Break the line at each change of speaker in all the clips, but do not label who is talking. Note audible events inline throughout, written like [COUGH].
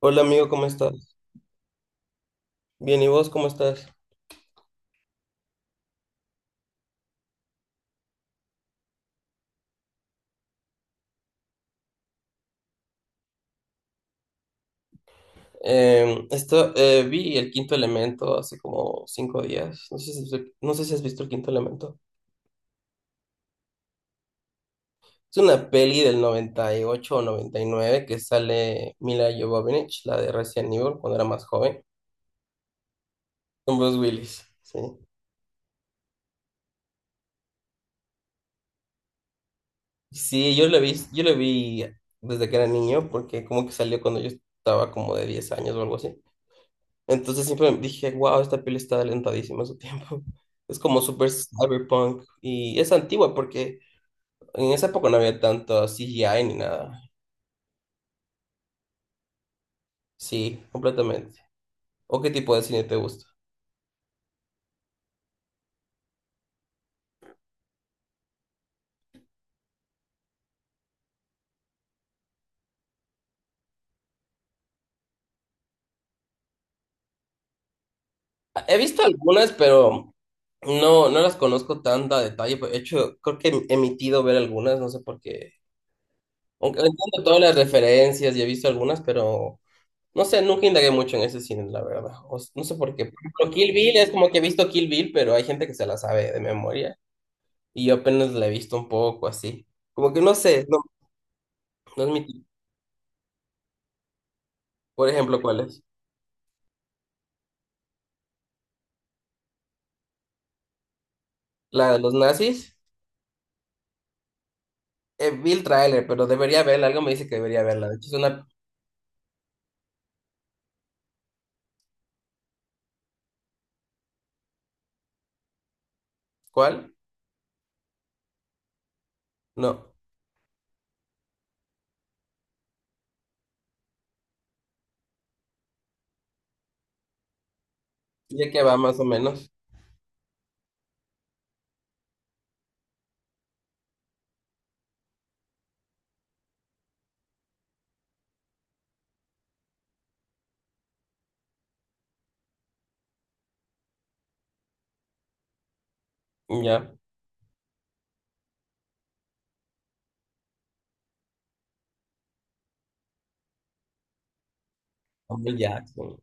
Hola amigo, ¿cómo estás? Bien, ¿y vos cómo estás? Vi El Quinto Elemento hace como 5 días. No sé si has visto El Quinto Elemento. Es una peli del 98 o 99 que sale Mila Jovovich, la de Resident Evil, cuando era más joven, con Bruce Willis. Sí. Sí, yo lo vi desde que era niño, porque como que salió cuando yo estaba como de 10 años o algo así. Entonces siempre dije, wow, esta peli está adelantadísima a su tiempo. [LAUGHS] Es como súper cyberpunk y es antigua porque en esa época no había tanto CGI ni nada. Sí, completamente. ¿O qué tipo de cine te gusta? He visto algunas, pero no las conozco tan a detalle. De hecho, creo que he emitido ver algunas, no sé por qué. Aunque entiendo todas las referencias y he visto algunas, pero... No sé, nunca indagué mucho en ese cine, la verdad. No sé por qué. Por ejemplo, Kill Bill es como que he visto Kill Bill, pero hay gente que se la sabe de memoria. Y yo apenas la he visto un poco así. Como que no sé, no, no es mi tipo. Por ejemplo, ¿cuál es? La de los nazis. Vi el tráiler, pero debería verla. Algo me dice que debería verla. De hecho, es una... ¿Cuál? No. Ya que va más o menos. Ya. Samuel Jackson.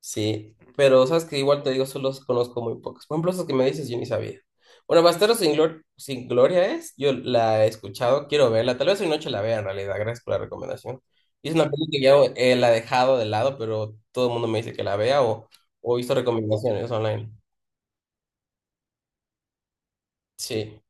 Sí, pero sabes que igual te digo, solo conozco muy pocas. Por ejemplo, esas que me dices, yo ni sabía. Bueno, Bastardos sin sin Gloria es, yo la he escuchado, quiero verla, tal vez hoy noche la vea en realidad, gracias por la recomendación. Y es una película que ya la he dejado de lado, pero todo el mundo me dice que la vea o hizo recomendaciones online. Sí,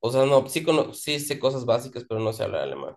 o sea, no, sí, sí sé cosas básicas, pero no sé hablar alemán.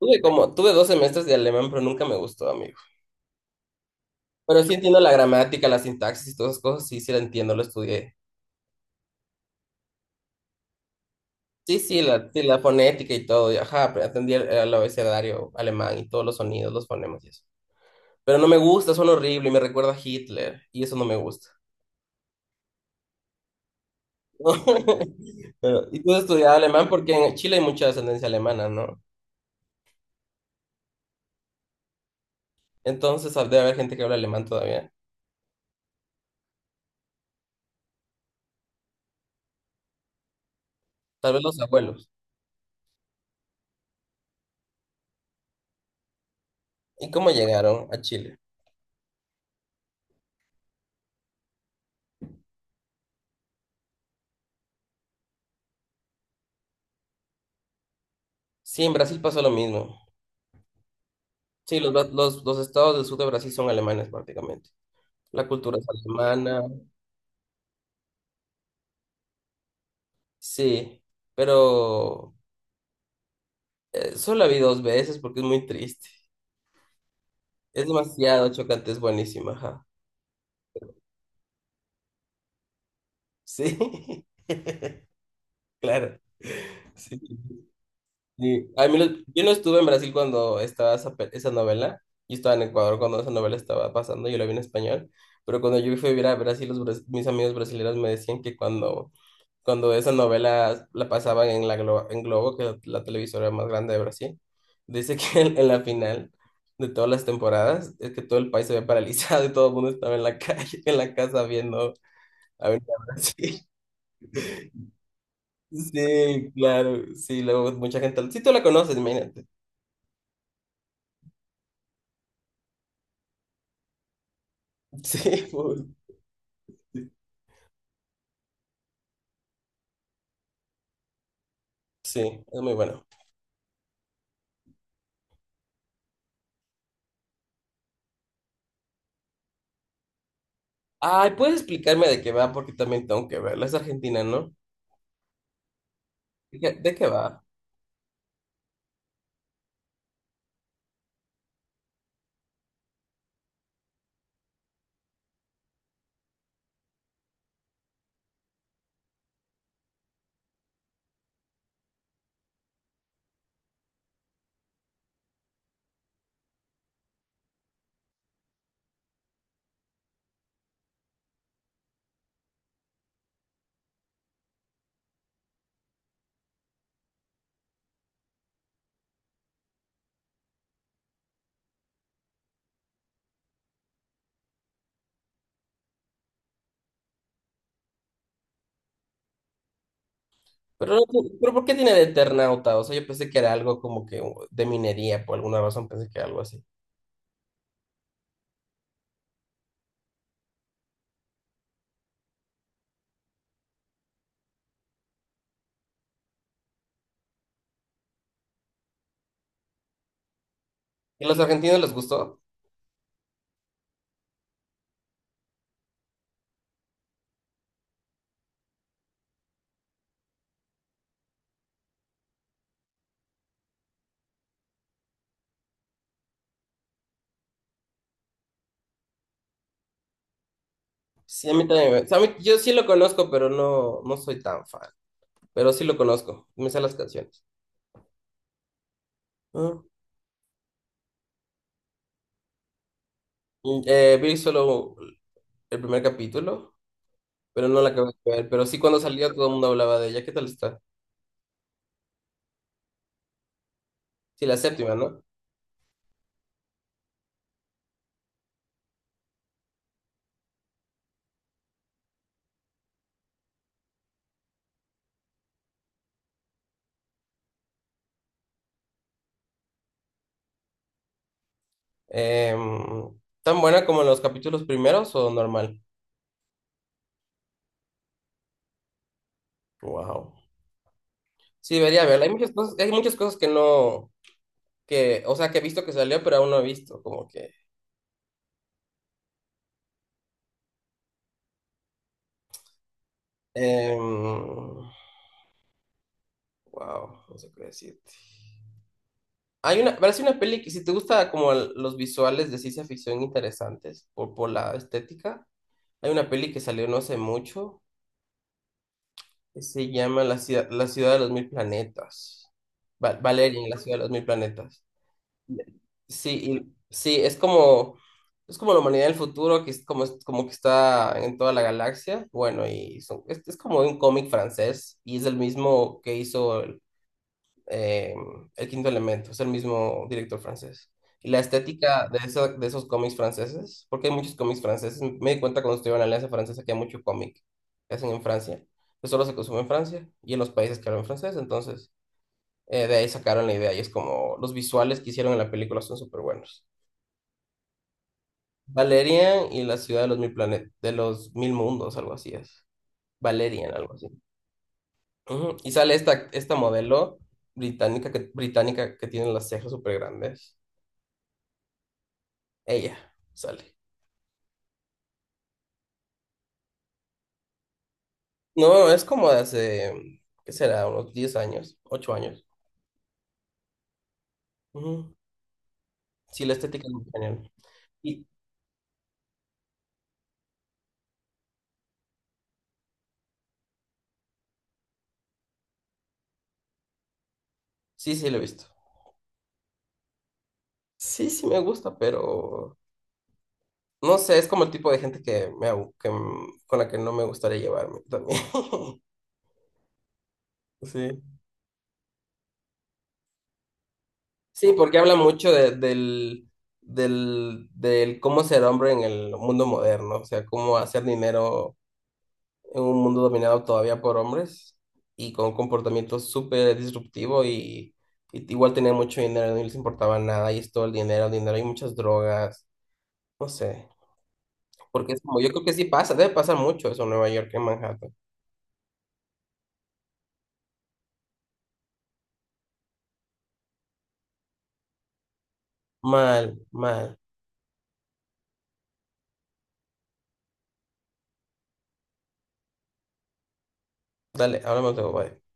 Tuve 2 semestres de alemán, pero nunca me gustó, amigo. Pero sí entiendo la gramática, la sintaxis y todas esas cosas, sí, sí la entiendo, lo estudié. Sí, sí, la, sí, la fonética y todo. Y ajá, pero atendí el abecedario alemán y todos los sonidos, los fonemas y eso. Pero no me gusta, son horribles y me recuerda a Hitler. Y eso no me gusta. [LAUGHS] Pero, y tú estudiabas alemán porque en Chile hay mucha descendencia alemana, ¿no? Entonces debe haber gente que habla alemán todavía. Tal vez los abuelos. ¿Y cómo llegaron a Chile? Sí, en Brasil pasó lo mismo. Sí, los estados del sur de Brasil son alemanes prácticamente. La cultura es alemana, sí. Pero solo la vi dos veces porque es muy triste. Es demasiado chocante, es buenísima, ajá. Sí, [LAUGHS] claro. Sí, sí. Yo no estuve en Brasil cuando estaba esa novela. Yo estaba en Ecuador cuando esa novela estaba pasando, yo la vi en español. Pero cuando yo fui a vivir a Brasil, mis amigos brasileños me decían que cuando esa novela la pasaban en Globo, que es la televisora más grande de Brasil, dice que en la final de todas las temporadas es que todo el país se ve paralizado y todo el mundo estaba en la [LAUGHS] calle, en la casa viendo Avenida Brasil. Sí, claro, sí, luego mucha gente, sí, tú la conoces, imagínate. Sí, pobre, sí, sí, es muy bueno. Ay, ¿puedes explicarme de qué va? Porque también tengo que verla, es argentina, ¿no? De qué va? Pero, pero ¿por qué tiene de Eternauta? O sea, yo pensé que era algo como que de minería, por alguna razón pensé que era algo así. ¿Y a los argentinos les gustó? Sí, a mí también. O sea, yo sí lo conozco, pero no, no soy tan fan. Pero sí lo conozco, me sé las canciones. Ah. Y, vi solo el primer capítulo, pero no la acabé de ver. Pero sí cuando salía todo el mundo hablaba de ella. ¿Qué tal está? Sí, la séptima, ¿no? ¿Tan buena como en los capítulos primeros o normal? Wow. Sí, debería verla. Hay muchas cosas que no que, o sea, que he visto que salió, pero aún no he visto, como que... em, wow, no sé qué decirte. Hay una, parece una peli que si te gusta como los visuales de ciencia ficción interesantes por la estética, hay una peli que salió no hace mucho que se llama la ciudad de los mil planetas. Valerian, la ciudad de los mil planetas. Sí, sí, es como la humanidad del futuro, que es como que está en toda la galaxia. Bueno, es como un cómic francés, y es el mismo que hizo eh, El Quinto Elemento, es el mismo director francés. Y la estética de esos cómics franceses, porque hay muchos cómics franceses, me di cuenta cuando estuve en la Alianza Francesa que hay mucho cómic que hacen en Francia, que solo se consume en Francia y en los países que hablan francés, entonces... de ahí sacaron la idea y es como los visuales que hicieron en la película son súper buenos. Valerian y la ciudad de los mil planetas, de los mil mundos, algo así es. Valerian, algo así. Ujú. Y sale esta modelo británica que tiene las cejas súper grandes. Ella sale. No, es como de hace, ¿qué será? Unos 10 años, 8 años. Ujú. Sí, la estética es muy genial. Y, sí, sí, lo he visto. Sí, sí me gusta, pero no sé, es como el tipo de gente que me, que, con la que no me gustaría llevarme también. [LAUGHS] Sí. Sí, porque habla mucho del cómo ser hombre en el mundo moderno, o sea, cómo hacer dinero en un mundo dominado todavía por hombres y con un comportamiento súper disruptivo y igual tenía mucho dinero, no les importaba nada y es todo el dinero, dinero y muchas drogas, no sé, porque es como, yo creo que sí pasa, debe pasar mucho eso en Nueva York, en Manhattan. Mal, mal. Dale, hablamos luego, bye.